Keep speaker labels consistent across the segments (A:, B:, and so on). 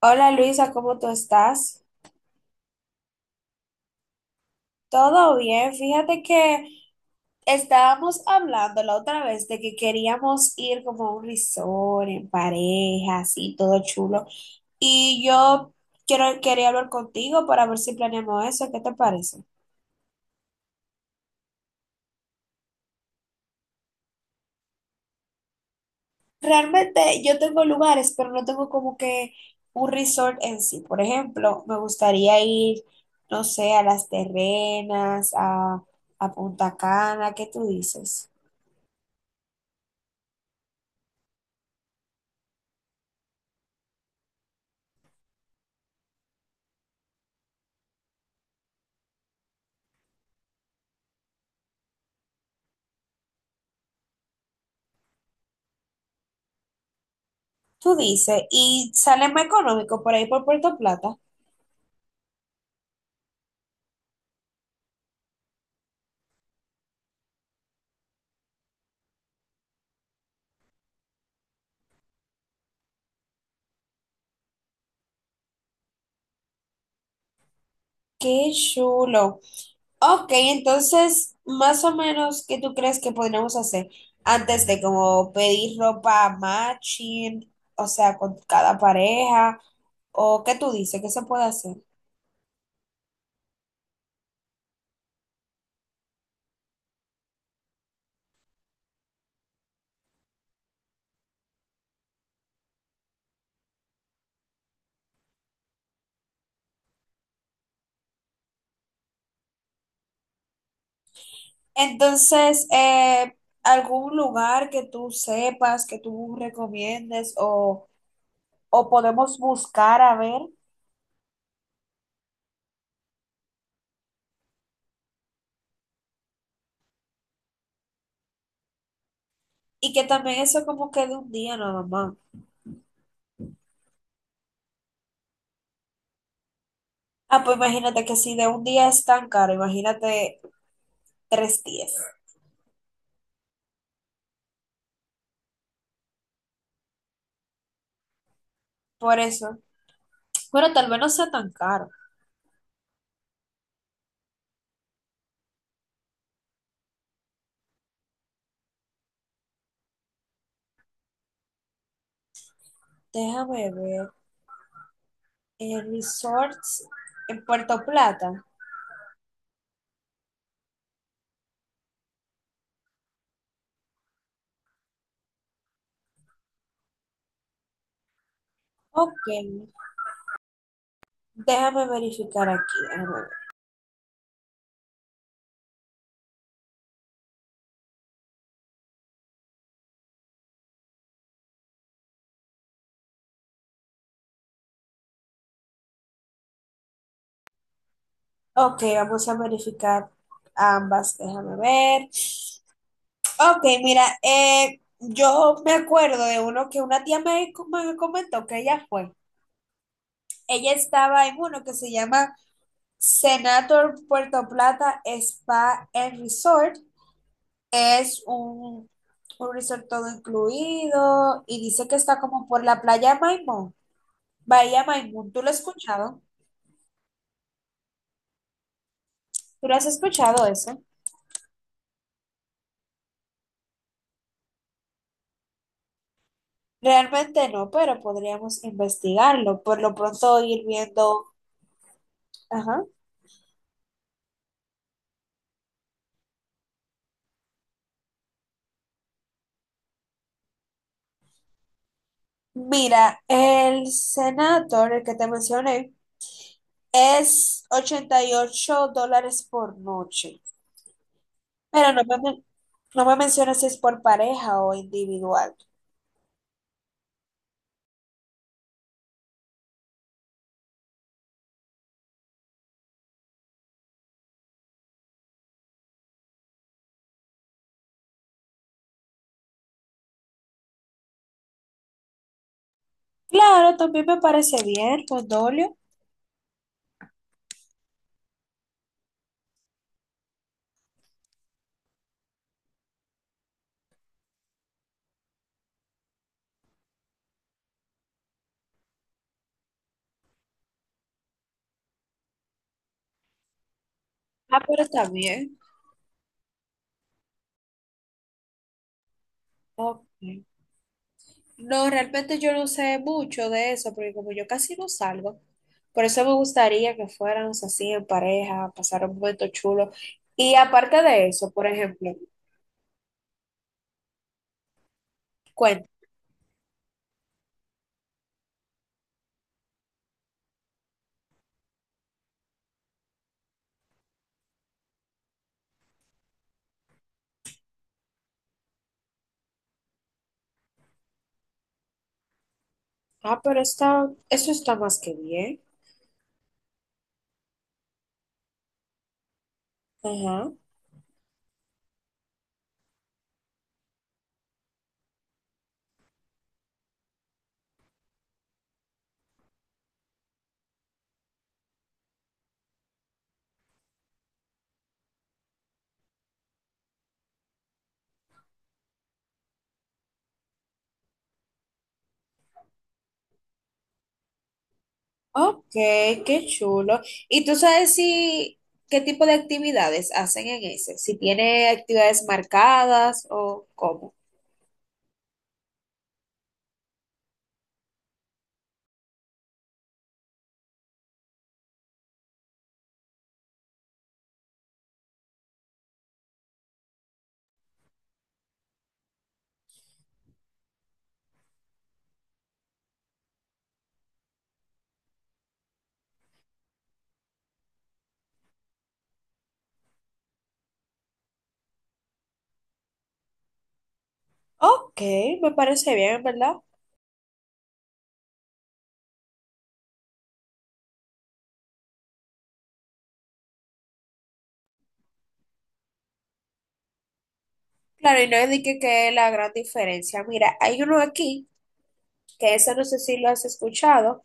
A: Hola Luisa, ¿cómo tú estás? Todo bien, fíjate que estábamos hablando la otra vez de que queríamos ir como a un resort en pareja, así todo chulo. Y yo quería hablar contigo para ver si planeamos eso, ¿qué te parece? Realmente yo tengo lugares, pero no tengo como que un resort en sí. Por ejemplo, me gustaría ir, no sé, a Las Terrenas, a Punta Cana, ¿qué tú dices? Tú dices, y sale más económico por ahí por Puerto Plata. Qué chulo. Ok, entonces, más o menos, ¿qué tú crees que podríamos hacer antes de como pedir ropa matching, o sea, con cada pareja, o qué tú dices, qué se puede hacer? Entonces, algún lugar que tú sepas, que tú recomiendes, o podemos buscar a ver, y que también eso como que de un día nada más. Ah, pues imagínate que si de un día es tan caro, imagínate 3 días. Por eso. Bueno, tal vez no sea tan caro. Déjame ver. Resorts en Puerto Plata. Ok. Déjame verificar aquí. Déjame ver. Ok, vamos a verificar ambas. Déjame ver. Ok, mira, yo me acuerdo de uno que una tía me comentó que ella fue. Ella estaba en uno que se llama Senator Puerto Plata Spa and Resort es un resort todo incluido y dice que está como por la playa Maimón. Bahía Maimón, ¿tú lo has escuchado? ¿Tú lo has escuchado eso? Realmente no, pero podríamos investigarlo. Por lo pronto ir viendo. Ajá. Mira, el Senator, el que te mencioné, es $88 por noche. Pero no me mencionas si es por pareja o individual. Claro, también me parece bien, Condolio. Ah, pero está bien. Ok. No, realmente yo no sé mucho de eso, porque como yo casi no salgo, por eso me gustaría que fuéramos así en pareja, pasar un momento chulo. Y aparte de eso, por ejemplo, cuenta. Ah, pero está, eso está más que bien. Ajá. Ok, qué chulo. ¿Y tú sabes si qué tipo de actividades hacen en ese? Si tiene actividades marcadas o cómo. Ok, me parece bien, ¿verdad? Claro, y no es de que la gran diferencia. Mira, hay uno aquí, que eso no sé si lo has escuchado,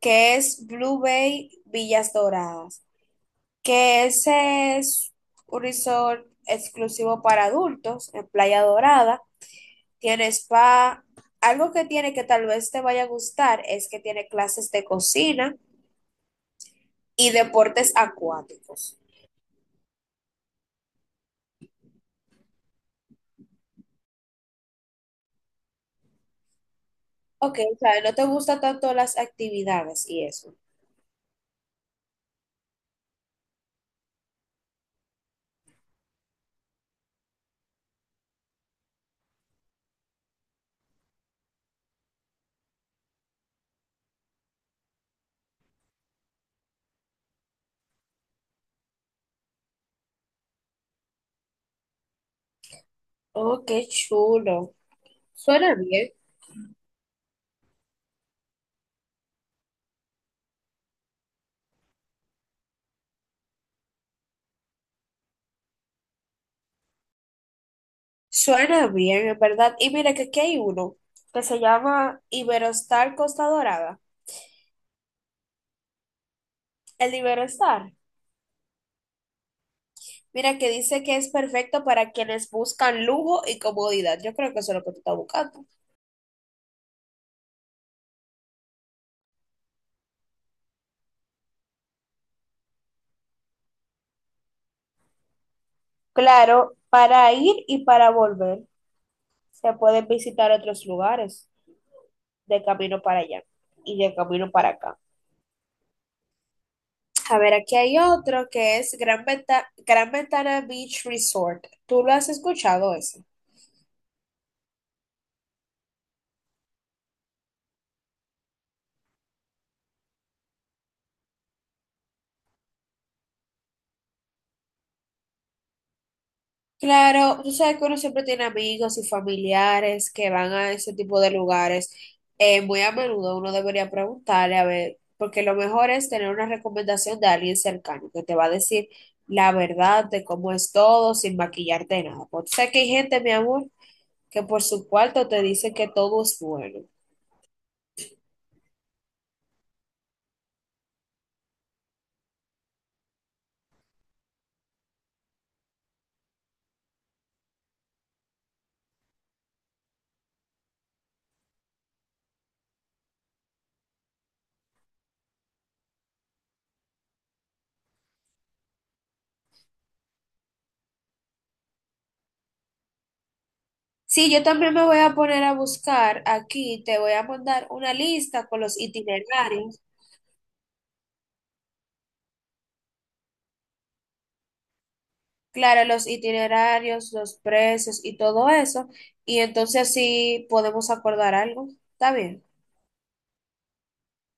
A: que es Blue Bay Villas Doradas, que ese es un resort exclusivo para adultos en Playa Dorada tiene spa. Algo que tiene que tal vez te vaya a gustar es que tiene clases de cocina y deportes acuáticos. Ok, o sea, no te gustan tanto las actividades y eso. Oh, qué chulo. Suena bien. Suena bien, en verdad. Y mira que aquí hay uno que se llama Iberostar Costa Dorada. El de Iberostar. Mira que dice que es perfecto para quienes buscan lujo y comodidad. Yo creo que eso es lo que tú estás buscando. Claro, para ir y para volver. Se pueden visitar otros lugares de camino para allá y de camino para acá. A ver, aquí hay otro que es Gran Ventana Beach Resort. ¿Tú lo has escuchado ese? Claro, tú sabes que uno siempre tiene amigos y familiares que van a ese tipo de lugares. Muy a menudo uno debería preguntarle, a ver, porque lo mejor es tener una recomendación de alguien cercano que te va a decir la verdad de cómo es todo sin maquillarte de nada. Porque tú que hay gente, mi amor, que por su cuarto te dice que todo es bueno. Sí, yo también me voy a poner a buscar aquí, te voy a mandar una lista con los itinerarios, claro, los itinerarios, los precios y todo eso, y entonces así podemos acordar algo. ¿Está bien?